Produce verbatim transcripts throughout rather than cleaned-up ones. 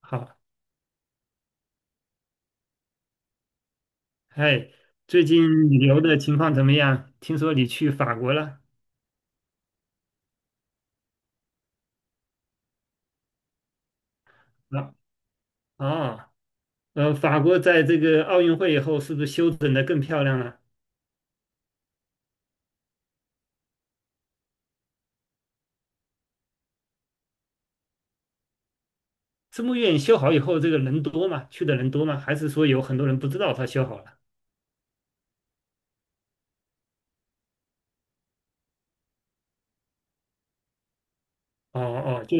好，哎，最近旅游的情况怎么样？听说你去法国了？啊，哦，呃，法国在这个奥运会以后，是不是修整的更漂亮了？圣母院修好以后，这个人多吗？去的人多吗？还是说有很多人不知道它修好了？哦哦，就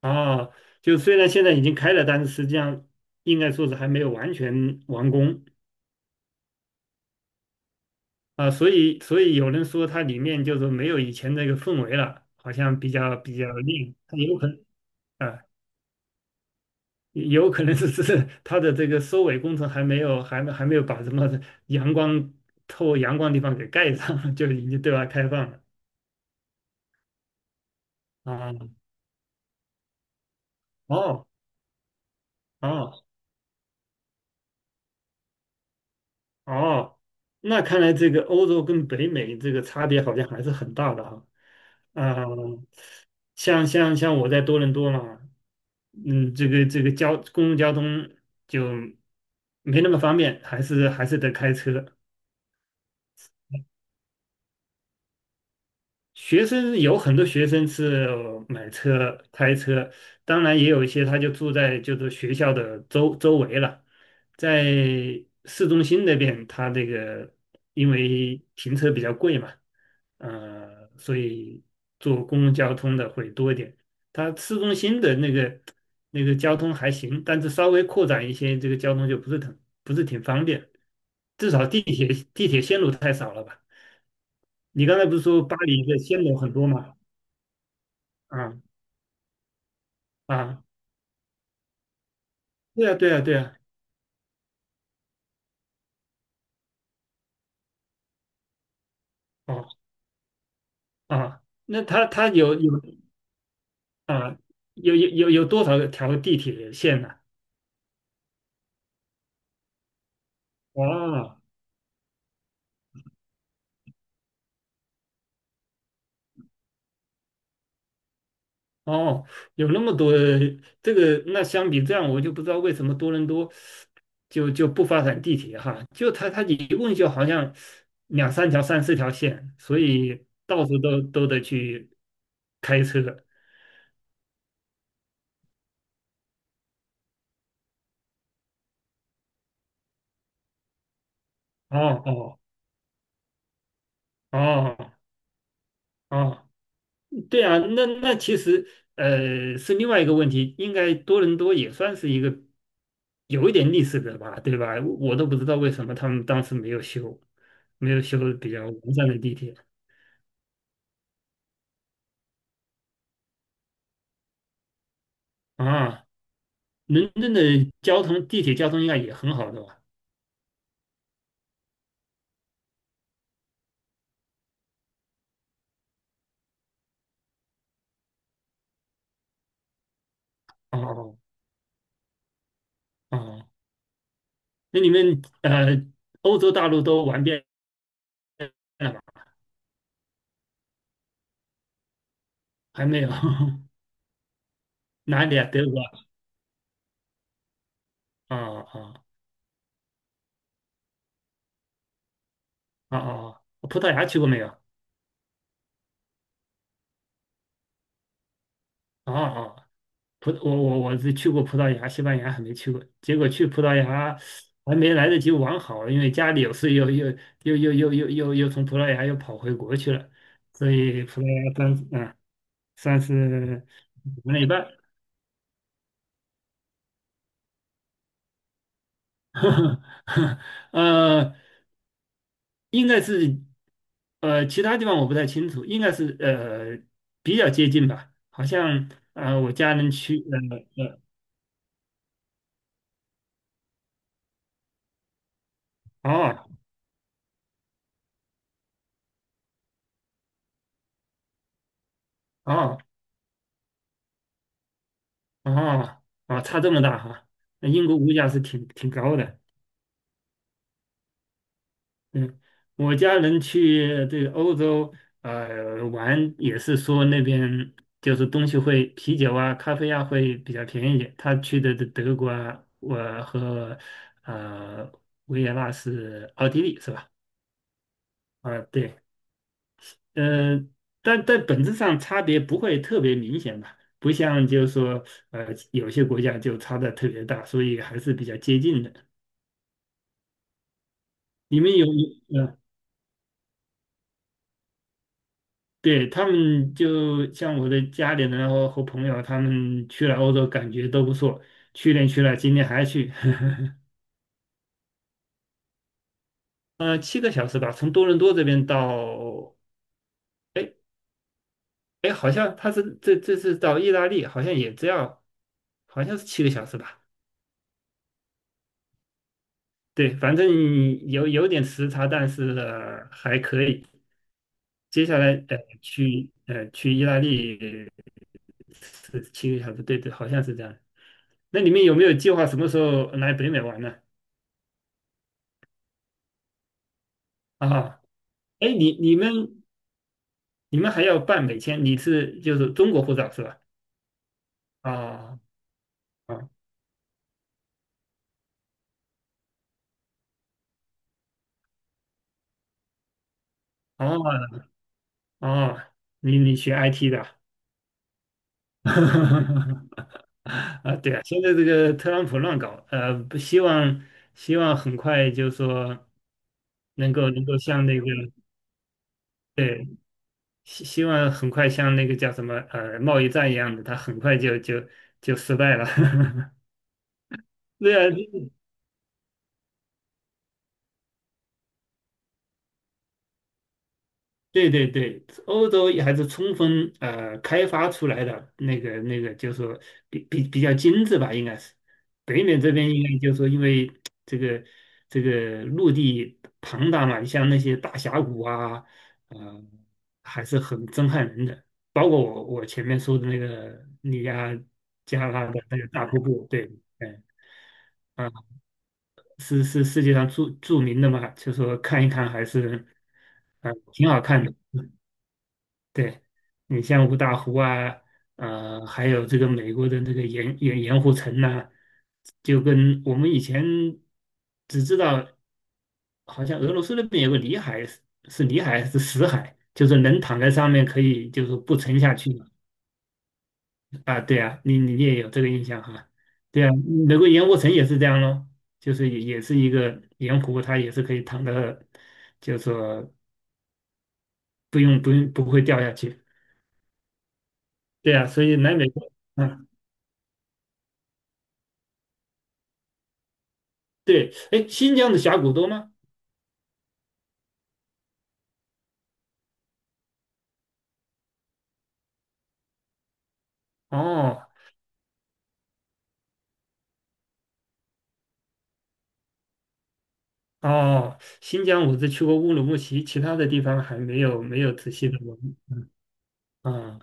哦，就虽然现在已经开了，但是实际上应该说是还没有完全完工啊，所以所以有人说它里面就是没有以前那个氛围了，好像比较比较 亮，它有可能。啊。有可能是只是它的这个收尾工程还没有，还没还没有把什么阳光透阳光地方给盖上，就已经对外开放了啊。哦哦哦，那看来这个欧洲跟北美这个差别好像还是很大的哈。啊，像像像我在多伦多嘛，嗯，这个这个交公共交通就没那么方便，还是还是得开车。学生有很多学生是买车、开车，当然也有一些他就住在就是学校的周周围了，在市中心那边，他这个因为停车比较贵嘛，呃，所以坐公共交通的会多一点。它市中心的那个那个交通还行，但是稍微扩展一些，这个交通就不是很不是挺方便，至少地铁地铁线路太少了吧。你刚才不是说巴黎的线路很多吗？啊啊，对啊对啊对啊，哦啊，那它它有有啊有有有有多少条地铁线呢、哇哦，有那么多这个，那相比这样，我就不知道为什么多伦多就就不发展地铁哈，就它它一共就好像两三条、三四条线，所以到处都都得去开车。哦哦哦哦。对啊，那那其实呃是另外一个问题，应该多伦多也算是一个有一点历史的吧，对吧？我都不知道为什么他们当时没有修，没有修比较完善的地铁啊。伦敦的交通地铁交通应该也很好的吧？哦哦，哦那你们呃欧洲大陆都玩遍了吗？还没有？哪里啊？德国啊？啊啊啊啊！葡萄牙去过没有？啊啊葡我我我是去过葡萄牙、西班牙，还没去过。结果去葡萄牙还没来得及玩好，因为家里有事又又又又又又又又从葡萄牙又跑回国去了，所以葡萄牙算嗯算是玩了一半。呃，应该是呃其他地方我不太清楚，应该是呃比较接近吧，好像呃我家人去呃呃哦哦哦，啊，差这么大哈，那英国物价是挺挺高的。嗯，我家人去这个欧洲呃玩，也是说那边就是东西会啤酒啊、咖啡啊会比较便宜一点。他去的德德国啊，我和呃维也纳是奥地利是吧？啊，对，呃，但但本质上差别不会特别明显吧。不像就是说，呃，有些国家就差的特别大，所以还是比较接近的。你们有有呃，对他们就像我的家里人然后和朋友，他们去了欧洲，感觉都不错。去年去了，今年还去，呃，七个小时吧，从多伦多这边到，哎哎，好像他是这这次到意大利，好像也只要，好像是七个小时吧。对，反正有有点时差，但是，呃还可以。接下来呃去呃去意大利是七个小时，对对，好像是这样。那你们有没有计划什么时候来北美玩呢？啊，哎，你你们你们还要办美签？你是就是中国护照是吧？啊啊哦哦，你你学 I T 的啊？啊，对啊，现在这个特朗普乱搞，呃，不希望希望很快就是说能够能够像那个对希希望很快像那个叫什么呃贸易战一样的，它很快就就就失败了。对啊，对对对，欧洲也还是充分呃开发出来的那个那个，就是说比比比较精致吧，应该是。北美这边应该就是说，因为这个这个陆地庞大嘛，像那些大峡谷啊，呃，还是很震撼人的。包括我我前面说的那个尼亚加拉的那个大瀑布，对。嗯。啊，是是世界上著著名的嘛，就说看一看还是，啊，挺好看的。对，你像五大湖啊，呃，还有这个美国的那个盐盐盐湖城呐、就跟我们以前只知道，好像俄罗斯那边有个里海，是里海还是死海，就是人躺在上面可以，就是不沉下去，嘛。啊，对啊，你你也有这个印象哈？对啊，美国盐湖城也是这样咯，就是也也是一个盐湖，它也是可以躺的，就是说不用不用不会掉下去。对啊，所以来美国，嗯，对，哎，新疆的峡谷多吗？哦哦，新疆我只去过乌鲁木齐，其他的地方还没有没有仔细的闻。啊、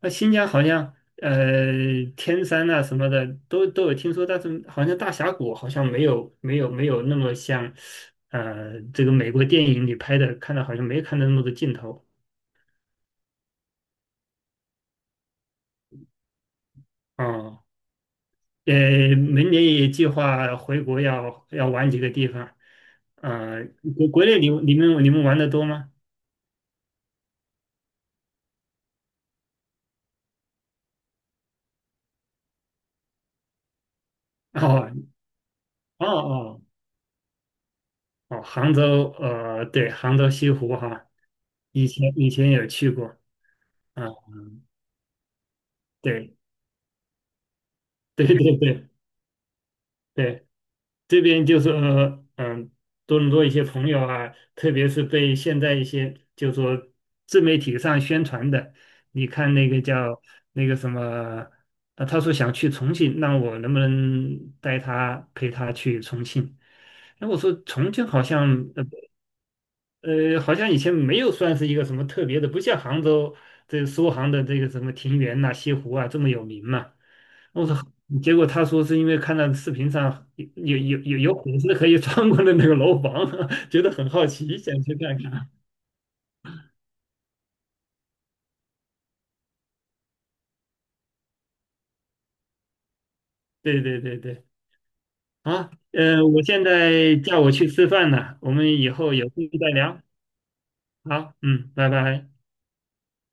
那新疆好像呃天山呐什么的都都有听说，但是好像大峡谷好像没有没有没有那么像呃这个美国电影里拍的，看到好像没看到那么多镜头啊。哦呃，明年也计划回国要要玩几个地方，呃，国国内你们你们你们玩的多吗？哦哦哦哦，杭州呃对，杭州西湖哈，以前以前有去过啊，对对对对对。这边就是呃嗯，多伦多一些朋友啊，特别是被现在一些就说自媒体上宣传的，你看那个叫那个什么，呃，他说想去重庆，让我能不能带他陪他去重庆？那我说重庆好像呃呃，好像以前没有算是一个什么特别的，不像杭州这苏杭的这个什么庭园呐、西湖啊这么有名嘛。我操！结果他说是因为看到视频上有有有有粉丝可以穿过的那个楼房，觉得很好奇，想去看看。对对对对，啊，呃，我现在叫我去吃饭了，我们以后有空再聊。好，嗯，拜拜。